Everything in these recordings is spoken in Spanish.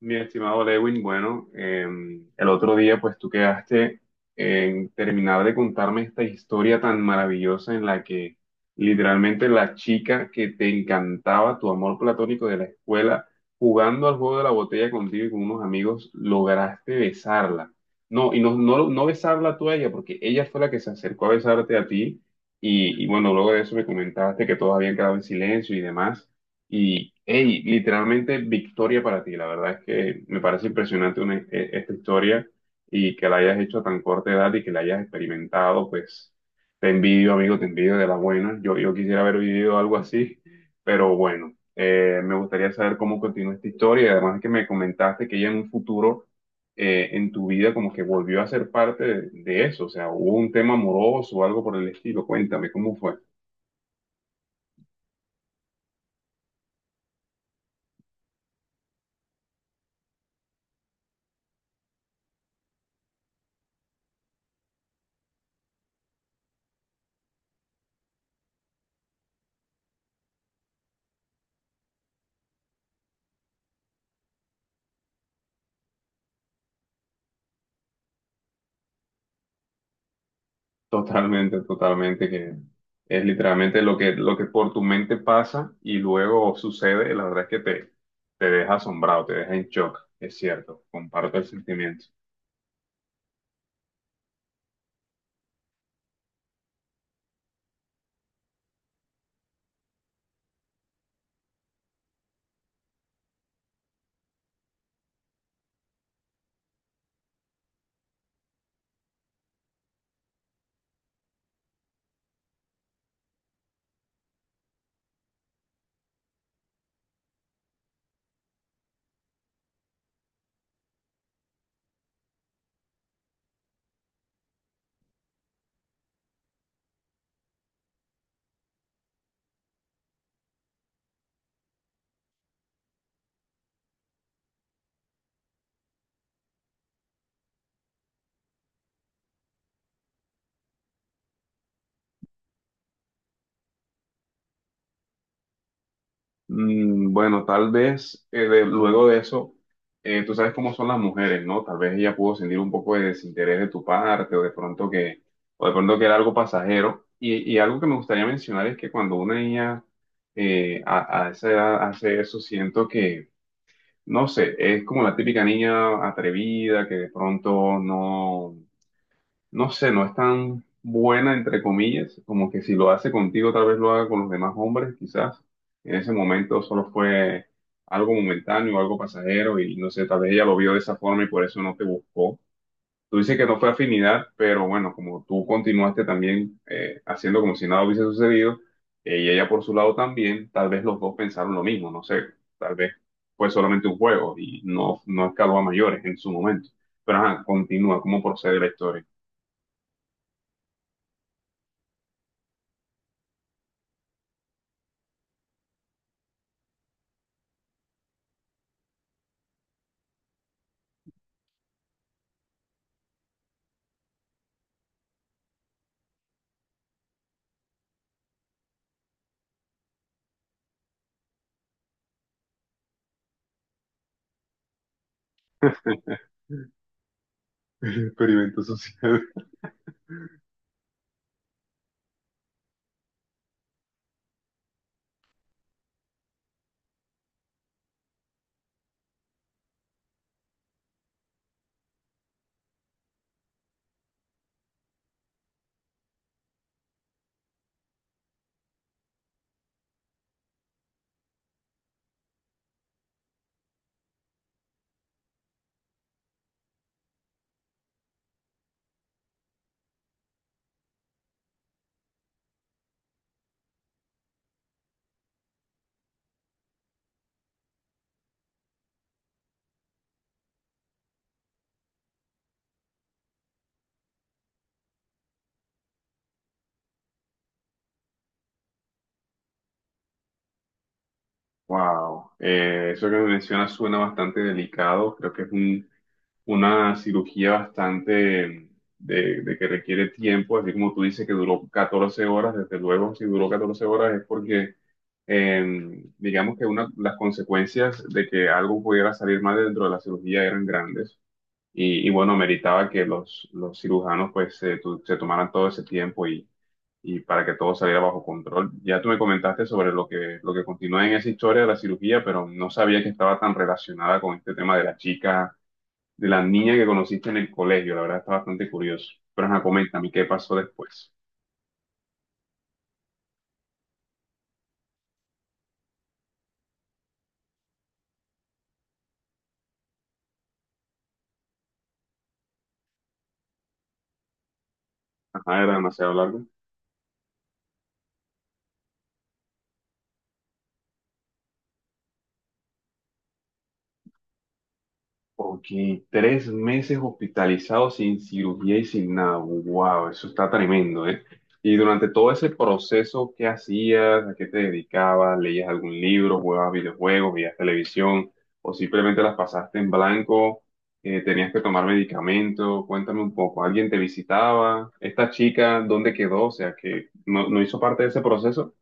Mi estimado Lewin, bueno, el otro día pues tú quedaste en terminar de contarme esta historia tan maravillosa en la que literalmente la chica que te encantaba, tu amor platónico de la escuela, jugando al juego de la botella contigo y con unos amigos, lograste besarla. No, y no, no, no besarla tú a ella, porque ella fue la que se acercó a besarte a ti y bueno, luego de eso me comentaste que todos habían quedado en silencio y demás. Y, hey, literalmente victoria para ti. La verdad es que me parece impresionante esta historia y que la hayas hecho a tan corta edad y que la hayas experimentado, pues te envidio, amigo, te envidio de la buena. Yo quisiera haber vivido algo así, pero bueno, me gustaría saber cómo continúa esta historia. Y además que me comentaste que ya en un futuro, en tu vida, como que volvió a ser parte de eso. O sea, hubo un tema amoroso o algo por el estilo. Cuéntame, ¿cómo fue? Totalmente, totalmente, que es literalmente lo que por tu mente pasa y luego sucede, la verdad es que te deja asombrado, te deja en shock, es cierto, comparto el sentimiento. Bueno, tal vez luego de eso, tú sabes cómo son las mujeres, ¿no? Tal vez ella pudo sentir un poco de desinterés de tu parte o de pronto que, o de pronto que era algo pasajero. Y algo que me gustaría mencionar es que cuando una niña a esa edad hace eso, siento que. No sé, es como la típica niña atrevida que de pronto no, no sé, no es tan buena, entre comillas, como que si lo hace contigo, tal vez lo haga con los demás hombres, quizás. En ese momento solo fue algo momentáneo, algo pasajero y no sé, tal vez ella lo vio de esa forma y por eso no te buscó. Tú dices que no fue afinidad, pero bueno, como tú continuaste también haciendo como si nada hubiese sucedido, y ella por su lado también, tal vez los dos pensaron lo mismo, no sé, tal vez fue solamente un juego y no, no escaló a mayores en su momento. Pero ajá, continúa, ¿cómo procede la historia? El experimento social. Wow, eso que me mencionas suena bastante delicado, creo que es un una cirugía bastante de que requiere tiempo, así como tú dices que duró 14 horas, desde luego si duró 14 horas es porque digamos que una, las consecuencias de que algo pudiera salir mal dentro de la cirugía eran grandes y bueno, meritaba que los cirujanos pues se tomaran todo ese tiempo y para que todo saliera bajo control. Ya tú me comentaste sobre lo que continúa en esa historia de la cirugía, pero no sabía que estaba tan relacionada con este tema de la chica de la niña que conociste en el colegio. La verdad está bastante curioso. Pero ajá, coméntame qué pasó después. Ajá, era demasiado largo. Ok, 3 meses hospitalizado sin cirugía y sin nada. Wow, eso está tremendo, ¿eh? Y durante todo ese proceso, ¿qué hacías? ¿A qué te dedicabas? ¿Leías algún libro? ¿Jugabas videojuegos? ¿Veías televisión? ¿O simplemente las pasaste en blanco? ¿Tenías que tomar medicamento? Cuéntame un poco. ¿Alguien te visitaba? ¿Esta chica dónde quedó? O sea, que no, no hizo parte de ese proceso.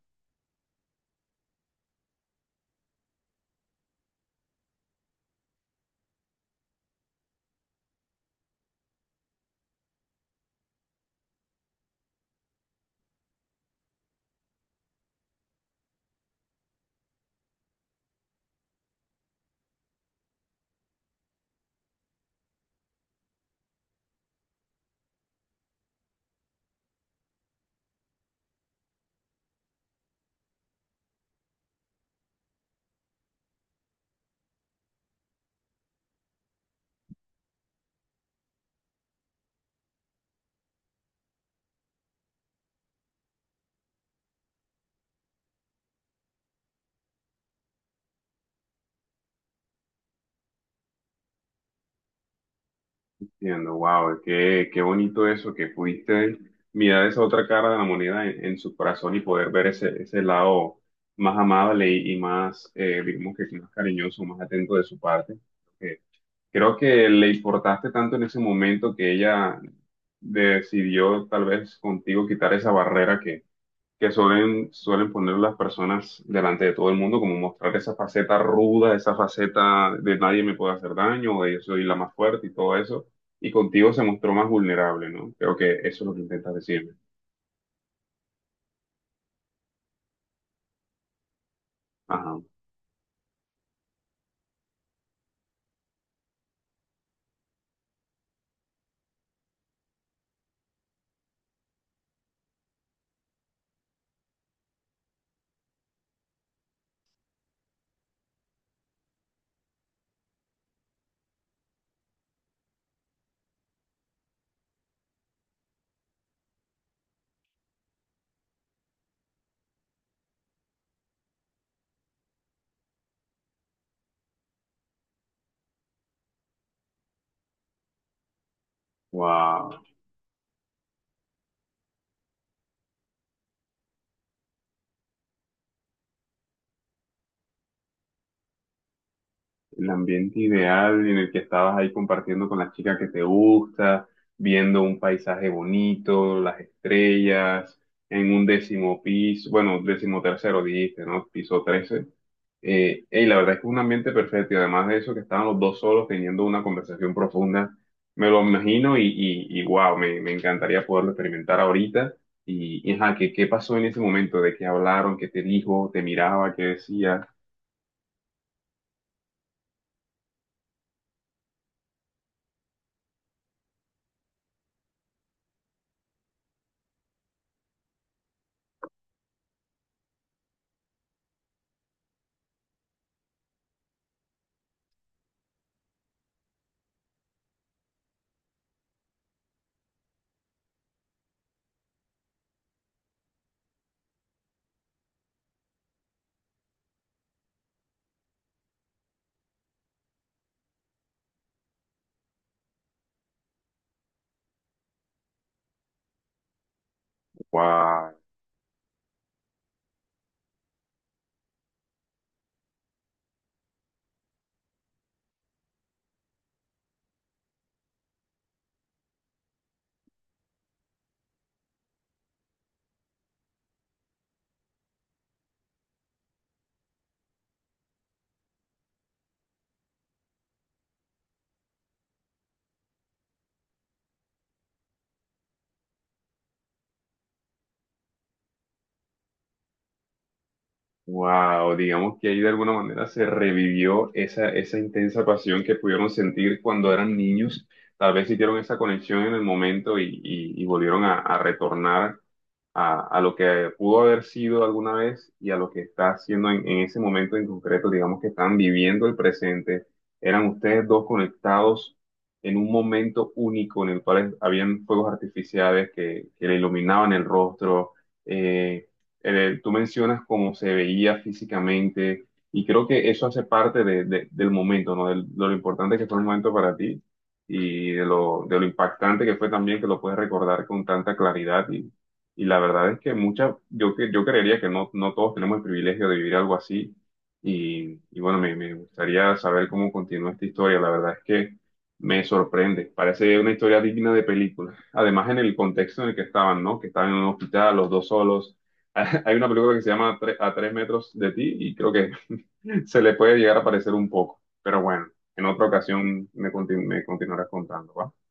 Entiendo, wow, qué bonito eso, que pudiste mirar esa otra cara de la moneda en su corazón y poder ver ese lado más amable y más, digamos que más cariñoso, más atento de su parte. Eh, Creo que le importaste tanto en ese momento que ella decidió tal vez contigo quitar esa barrera que suelen poner las personas delante de todo el mundo, como mostrar esa faceta ruda, esa faceta de nadie me puede hacer daño, o de yo soy la más fuerte y todo eso. Y contigo se mostró más vulnerable, ¿no? Creo que eso es lo que intentas decirme. Ajá. Wow. El ambiente ideal en el que estabas ahí compartiendo con la chica que te gusta, viendo un paisaje bonito, las estrellas, en un décimo piso, bueno, décimo tercero dijiste, ¿no? Piso 13. Y la verdad es que es un ambiente perfecto y además de eso que estaban los dos solos teniendo una conversación profunda, me lo imagino y wow, me encantaría poderlo experimentar ahorita. Y ajá, ¿qué pasó en ese momento? ¿De qué hablaron? ¿Qué te dijo? ¿Te miraba? ¿Qué decía? ¡Wow! Wow, digamos que ahí de alguna manera se revivió esa, intensa pasión que pudieron sentir cuando eran niños. Tal vez hicieron esa conexión en el momento y volvieron a retornar a lo que pudo haber sido alguna vez y a lo que está haciendo en ese momento en concreto, digamos que están viviendo el presente, eran ustedes dos conectados en un momento único en el cual habían fuegos artificiales que le iluminaban el rostro, eh, tú mencionas cómo se veía físicamente y creo que eso hace parte del momento, ¿no? Del, de lo importante que fue el momento para ti y de lo impactante que fue también, que lo puedes recordar con tanta claridad y la verdad es que yo creería que no todos tenemos el privilegio de vivir algo así. Y bueno, me gustaría saber cómo continúa esta historia. La verdad es que me sorprende. Parece una historia digna de película. Además, en el contexto en el que estaban, ¿no? Que estaban en un hospital, los dos solos. Hay una película que se llama A tres metros de ti y creo que se le puede llegar a parecer un poco. Pero bueno, en otra ocasión me continuarás contando, ¿va?